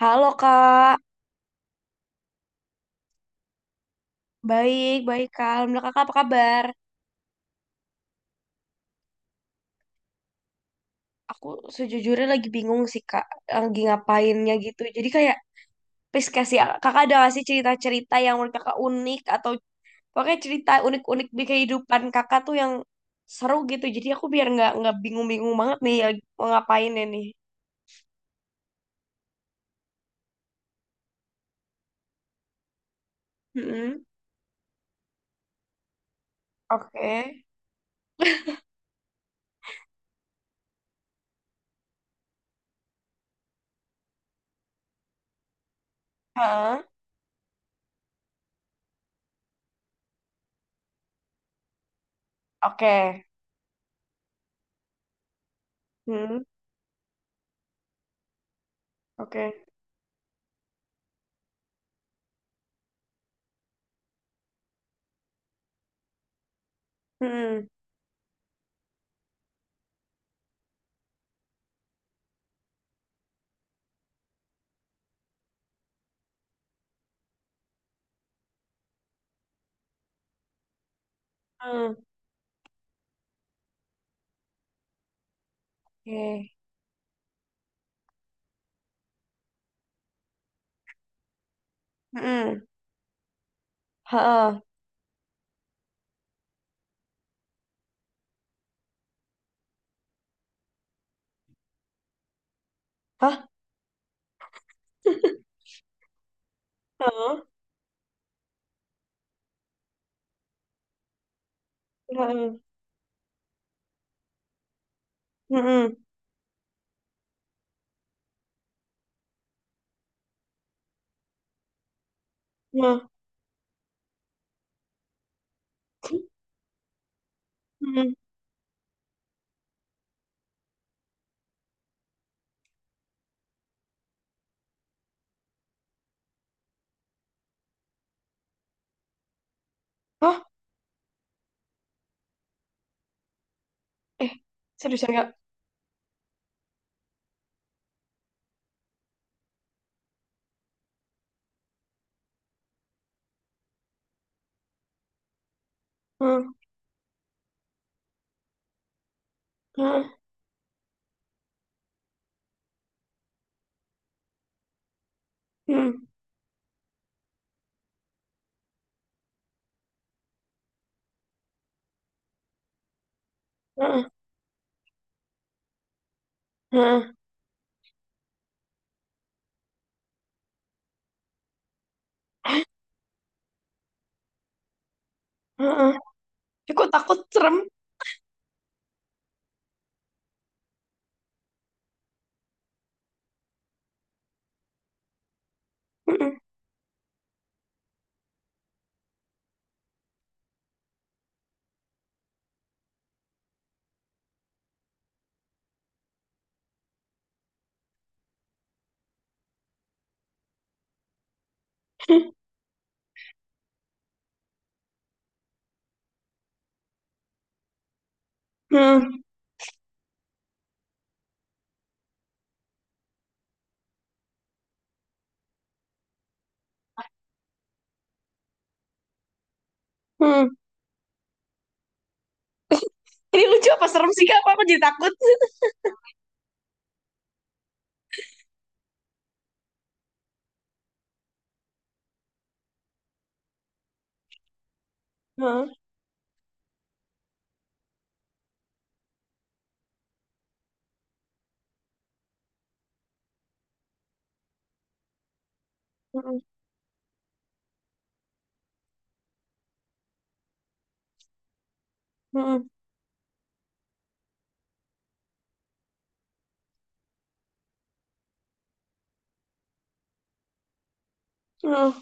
Halo Kak, baik, baik Kak. Alhamdulillah Kakak apa kabar? Aku sejujurnya lagi bingung sih Kak, lagi ngapainnya gitu. Jadi kayak, please kasih, Kakak ada nggak sih cerita-cerita yang menurut Kakak unik atau pokoknya cerita unik-unik di kehidupan Kakak tuh yang seru gitu. Jadi aku biar nggak bingung-bingung banget nih ya, mau ngapainnya nih. Mm-mm. Oke. Heeh. Oke. Mm-mm. Oke. Mm-mm. Mm. Oke. Mm-mm. Heeh. Hah? Heeh. Heeh. Heeh. Heeh. Heeh. Hah? Eh, seriusan nggak? Heeh. Heeh. Heeh. Heeh. Heeh. Heeh. Eh, kok takut serem? Heeh. Heeh. Heeh. Ini lucu apa serem sih Kak? Apa aku jadi takut? Heeh. Heeh. Heeh. Heeh.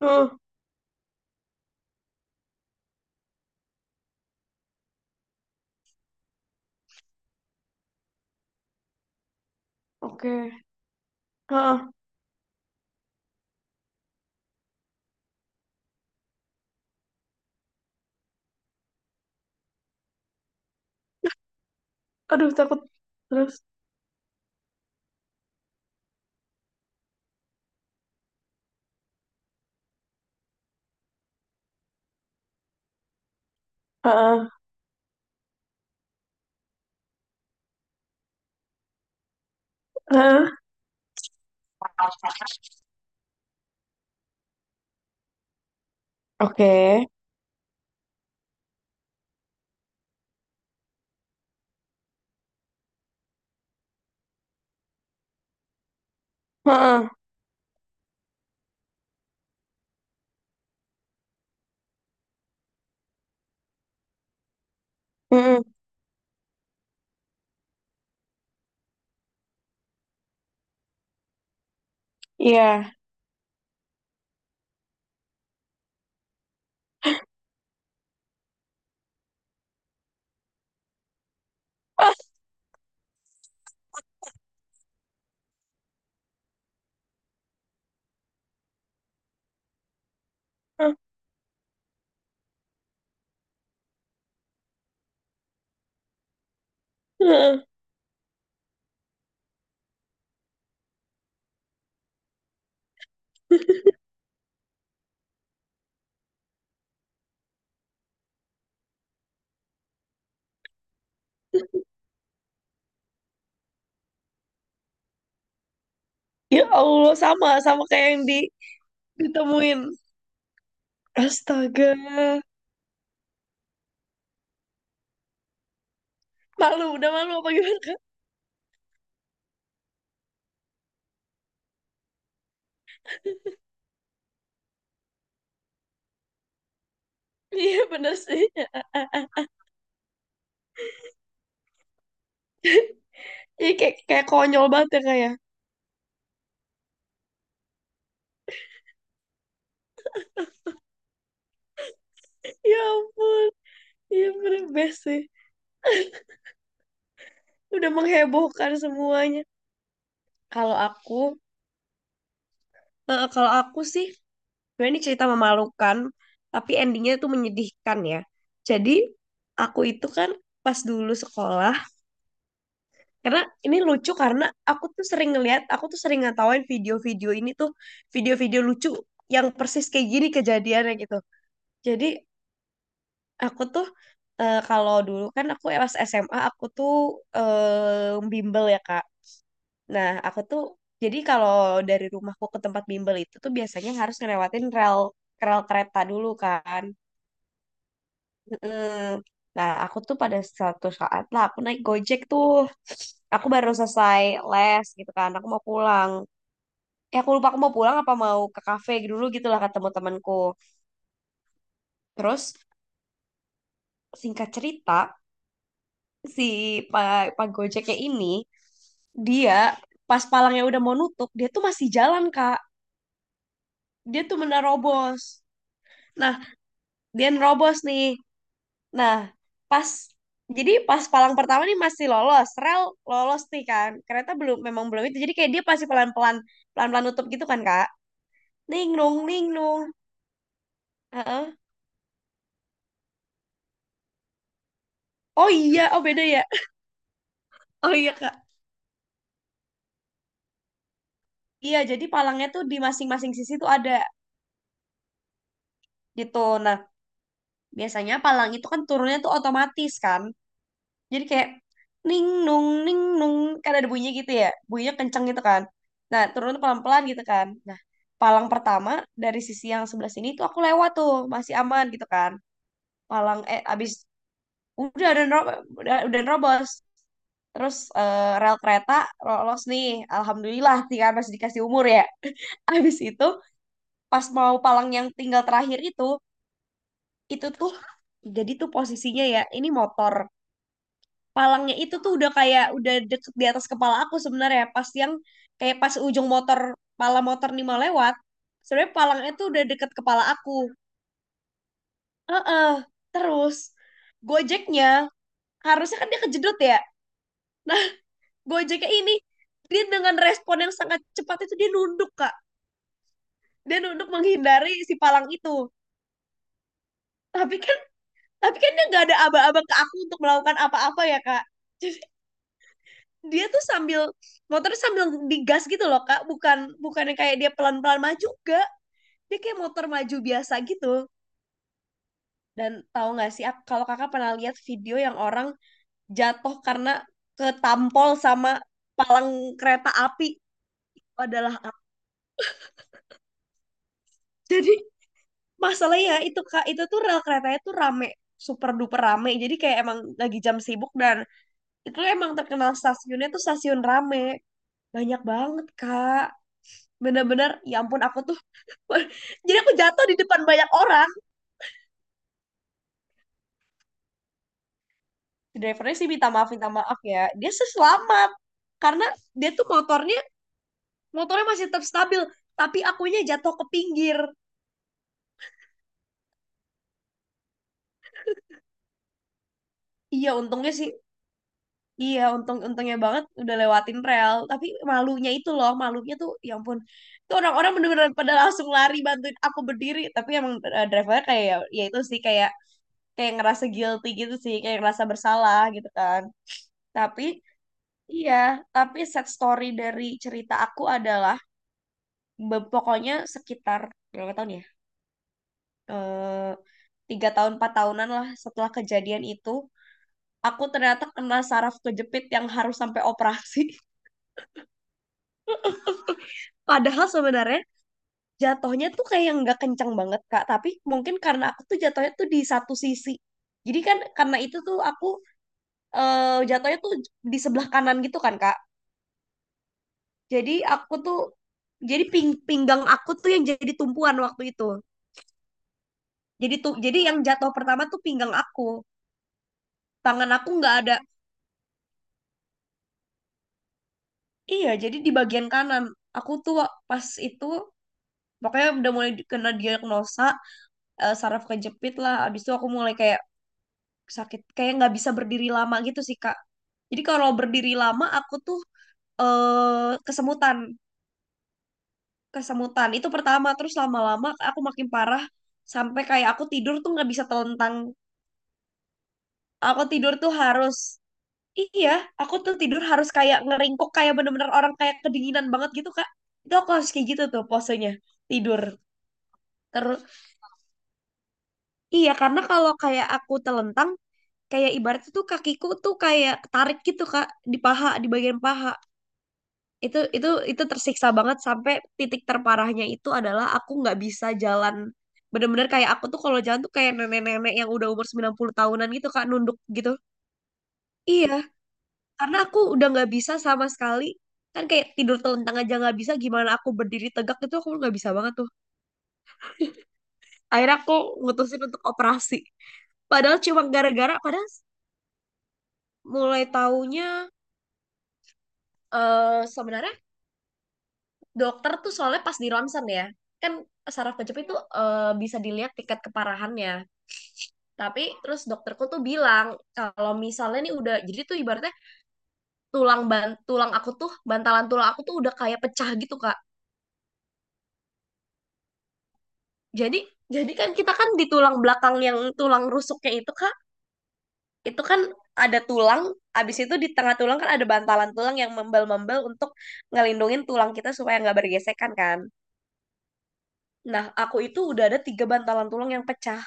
Heeh. Oke. Heeh. Aduh, takut. Terus. Heeh. Heeh. Oke. Heeh. Heeh. Iya. Ah. Heeh. Ya Allah, sama sama kayak yang ditemuin. Astaga. Malu, udah malu apa gimana, Kak? Iya, bener sih. Iya, kayak, kayak konyol banget ya, Kak, ya. Ya ampun. Iya, bener best sih. Udah menghebohkan semuanya. Kalau aku, kalau aku sih, sebenarnya ini cerita memalukan, tapi endingnya itu menyedihkan ya. Jadi, aku itu kan pas dulu sekolah, karena ini lucu karena aku tuh sering ngeliat, aku tuh sering ngatawain video-video ini tuh, video-video lucu yang persis kayak gini kejadiannya gitu. Jadi aku tuh kalau dulu kan aku pas SMA aku tuh bimbel ya Kak. Nah aku tuh jadi kalau dari rumahku ke tempat bimbel itu tuh biasanya harus ngelewatin rel rel kereta dulu kan. Mm. Nah aku tuh pada suatu saat lah aku naik Gojek tuh. Aku baru selesai les gitu kan. Aku mau pulang. Eh aku lupa aku mau pulang apa mau ke kafe dulu gitu lah kata teman-temanku. Terus singkat cerita si Pak Pak Gojeknya ini dia pas palangnya udah mau nutup dia tuh masih jalan Kak, dia tuh menerobos. Nah, dia nerobos nih. Nah pas, jadi pas palang pertama nih masih lolos rel, lolos nih, kan kereta belum, memang belum itu, jadi kayak dia pasti pelan-pelan, pelan-pelan nutup gitu kan Kak, ning nung ning nung. Heeh. Oh iya, oh beda ya. Oh iya Kak. Iya jadi palangnya tuh di masing-masing sisi tuh ada gitu. Nah biasanya palang itu kan turunnya tuh otomatis kan. Jadi kayak ning nung ning nung, kan ada bunyinya gitu ya. Bunyinya kenceng gitu kan. Nah, turun tuh pelan-pelan gitu kan. Nah, palang pertama dari sisi yang sebelah sini tuh aku lewat tuh, masih aman gitu kan. Palang eh abis udah nerobos, udah nerobos. Terus rel kereta lolos nih. Alhamdulillah sih kan masih dikasih umur ya. Abis itu pas mau palang yang tinggal terakhir itu tuh jadi tuh posisinya ya, ini motor. Palangnya itu tuh udah kayak udah deket di atas kepala aku sebenarnya pas yang kayak pas ujung motor, pala motor nih mau lewat, sebenarnya palangnya tuh udah deket kepala aku. Heeh. Terus gojeknya harusnya kan dia kejedot ya. Nah, gojeknya ini, dia dengan respon yang sangat cepat itu dia nunduk kak, dia nunduk menghindari si palang itu. Tapi kan, tapi kan dia nggak ada aba-aba ke aku untuk melakukan apa-apa ya kak. Dia tuh sambil motor sambil digas gitu loh kak, bukan bukan yang kayak dia pelan pelan maju, enggak. Dia kayak motor maju biasa gitu. Dan tahu nggak sih kalau kakak pernah lihat video yang orang jatuh karena ketampol sama palang kereta api, adalah aku. Jadi masalahnya itu kak, itu tuh rel keretanya tuh rame, super duper rame, jadi kayak emang lagi jam sibuk, dan itu emang terkenal stasiunnya tuh stasiun rame, banyak banget kak, bener-bener ya ampun aku tuh jadi aku jatuh di depan banyak orang. Drivernya sih minta maaf ya. Dia sih selamat. Karena dia tuh motornya, motornya masih tetap stabil. Tapi akunya jatuh ke pinggir. Iya, untungnya sih. Iya, untung-untungnya banget udah lewatin rel. Tapi malunya itu loh, malunya tuh, ya ampun. Itu orang-orang bener-bener pada langsung lari bantuin aku berdiri. Tapi emang drivernya kayak, ya, ya itu sih kayak, kayak ngerasa guilty gitu sih, kayak ngerasa bersalah gitu kan. Tapi iya, tapi sad story dari cerita aku adalah pokoknya sekitar berapa tahun ya? Eh, 3 tahun 4 tahunan lah setelah kejadian itu, aku ternyata kena saraf kejepit yang harus sampai operasi. Padahal sebenarnya jatuhnya tuh kayak nggak kencang banget Kak, tapi mungkin karena aku tuh jatuhnya tuh di satu sisi. Jadi kan karena itu tuh aku jatuhnya tuh di sebelah kanan gitu kan Kak. Jadi aku tuh, jadi pinggang aku tuh yang jadi tumpuan waktu itu. Jadi tuh jadi yang jatuh pertama tuh pinggang aku. Tangan aku nggak ada. Iya, jadi di bagian kanan. Aku tuh pas itu pokoknya udah mulai kena diagnosa saraf kejepit lah. Abis itu aku mulai kayak sakit, kayak nggak bisa berdiri lama gitu sih, Kak. Jadi kalau berdiri lama aku tuh kesemutan, kesemutan. Itu pertama, terus lama-lama aku makin parah sampai kayak aku tidur tuh nggak bisa telentang. Aku tidur tuh harus, iya, aku tuh tidur harus kayak ngeringkuk kayak bener-bener orang kayak kedinginan banget gitu, Kak. Itu aku harus kayak gitu tuh posenya, tidur. Terus iya, karena kalau kayak aku telentang, kayak ibaratnya tuh kakiku tuh kayak tarik gitu, Kak, di paha, di bagian paha. Itu itu tersiksa banget sampai titik terparahnya itu adalah aku nggak bisa jalan. Bener-bener kayak aku tuh kalau jalan tuh kayak nenek-nenek yang udah umur 90-an gitu, Kak, nunduk gitu. Iya, karena aku udah nggak bisa sama sekali, kan kayak tidur telentang aja nggak bisa gimana aku berdiri tegak, itu aku nggak bisa banget tuh. Akhirnya aku ngutusin untuk operasi, padahal cuma gara-gara, padahal mulai taunya sebenarnya dokter tuh soalnya pas di ronsen ya kan, saraf kejepit tuh bisa dilihat tingkat keparahannya. Tapi terus dokterku tuh bilang kalau misalnya nih udah jadi tuh ibaratnya tulang aku tuh, bantalan tulang aku tuh udah kayak pecah gitu kak. Jadi, jadi kan kita kan di tulang belakang yang tulang rusuknya itu Kak, itu kan ada tulang, abis itu di tengah tulang kan ada bantalan tulang yang membel-membel untuk ngelindungin tulang kita supaya nggak bergesekan kan. Nah, aku itu udah ada 3 bantalan tulang yang pecah.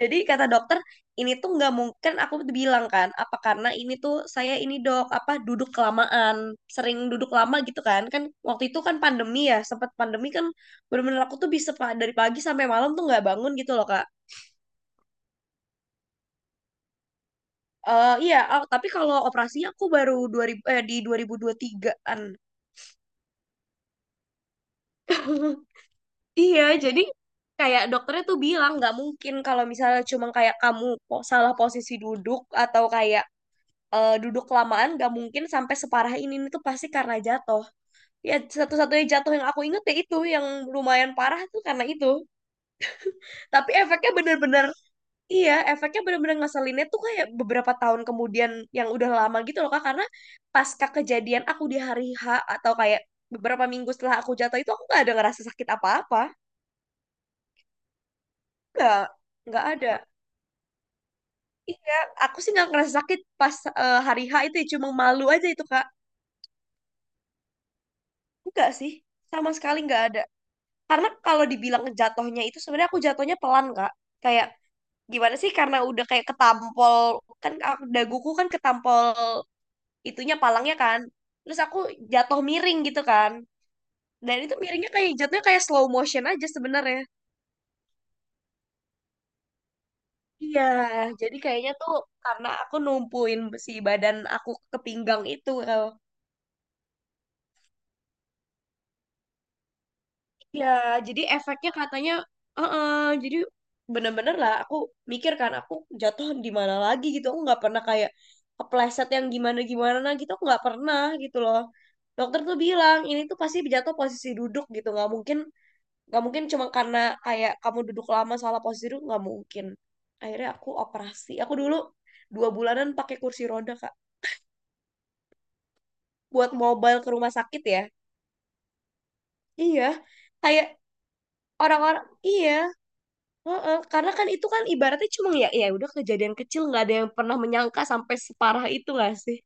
Jadi kata dokter, ini tuh nggak mungkin kan aku bilang kan, apa karena ini tuh saya ini dok, apa duduk kelamaan, sering duduk lama gitu kan. Kan waktu itu kan pandemi ya, sempat pandemi kan, bener-bener aku tuh bisa dari pagi sampai malam tuh nggak bangun gitu loh Kak. Iya, tapi kalau operasinya aku baru 2000 eh di 2023-an. Iya, jadi kayak dokternya tuh bilang nggak mungkin kalau misalnya cuma kayak kamu salah posisi duduk atau kayak duduk kelamaan nggak mungkin sampai separah ini tuh pasti karena jatuh. Ya satu-satunya jatuh yang aku inget ya itu yang lumayan parah tuh karena itu. Tapi efeknya bener-bener, iya, efeknya bener-bener ngeselinnya tuh kayak beberapa tahun kemudian yang udah lama gitu loh Kak. Karena pasca kejadian aku di hari H atau kayak beberapa minggu setelah aku jatuh itu aku nggak ada ngerasa sakit apa-apa. Nggak, nggak ada. Iya, aku sih nggak ngerasa sakit pas hari H itu ya, cuma malu aja itu Kak. Enggak sih, sama sekali nggak ada. Karena kalau dibilang jatuhnya itu sebenarnya aku jatuhnya pelan Kak. Kayak gimana sih, karena udah kayak ketampol, kan daguku kan ketampol itunya palangnya kan. Terus aku jatuh miring gitu kan. Dan itu miringnya kayak jatuhnya kayak slow motion aja sebenarnya. Iya, jadi kayaknya tuh karena aku numpuin si badan aku ke pinggang itu. El. Iya, jadi efeknya katanya, "Heeh, jadi bener-bener lah aku mikir kan aku jatuh di mana lagi gitu. Aku nggak pernah kayak kepleset yang gimana-gimana gitu, aku nggak pernah gitu loh. Dokter tuh bilang ini tuh pasti jatuh posisi duduk gitu, nggak mungkin, gak mungkin cuma karena kayak kamu duduk lama salah posisi duduk nggak mungkin. Akhirnya aku operasi, aku dulu 2 bulanan pakai kursi roda kak buat mobile ke rumah sakit ya. Iya kayak orang-orang iya, heeh. Karena kan itu kan ibaratnya cuma ya, ya udah kejadian kecil nggak ada yang pernah menyangka sampai separah itu nggak sih.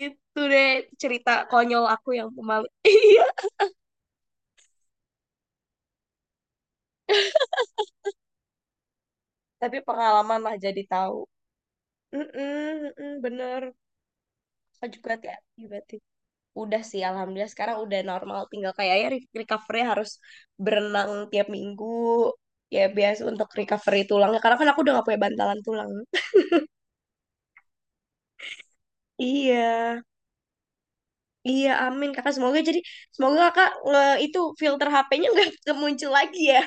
Gitu deh, cerita konyol aku yang pemalu. Iya, tapi pengalaman lah jadi tahu. Mm-mm, mm-mm, bener. Kak juga hati-hati berarti. Udah sih, alhamdulillah sekarang udah normal. Tinggal kayaknya recovery harus berenang tiap minggu. Ya biasa untuk recovery tulangnya. Karena kan aku udah gak punya bantalan tulang. Iya, iya amin kakak. Semoga jadi, semoga kakak itu filter HP-nya nggak muncul lagi ya.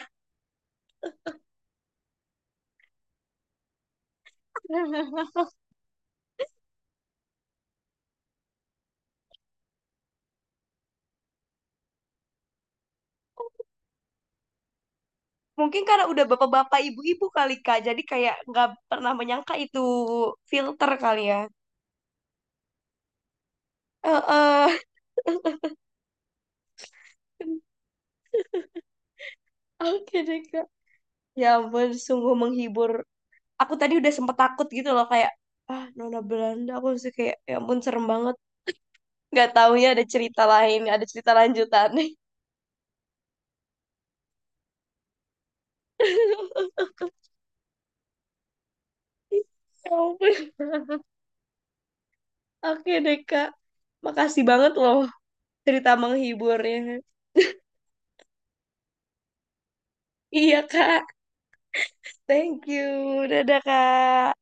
Mungkin karena udah bapak-bapak ibu-ibu kali Kak, jadi kayak nggak pernah menyangka itu filter kali ya. Eh, eh. Oke deh kak. Ya ampun, sungguh menghibur, aku tadi udah sempet takut gitu loh kayak ah, Nona Belanda, aku sih kayak ya ampun serem banget, nggak taunya ada cerita lain, ada cerita lanjutan. Ya ampun. Oke deh kak, makasih banget loh cerita menghiburnya. Iya kak, thank you. Dadah kak.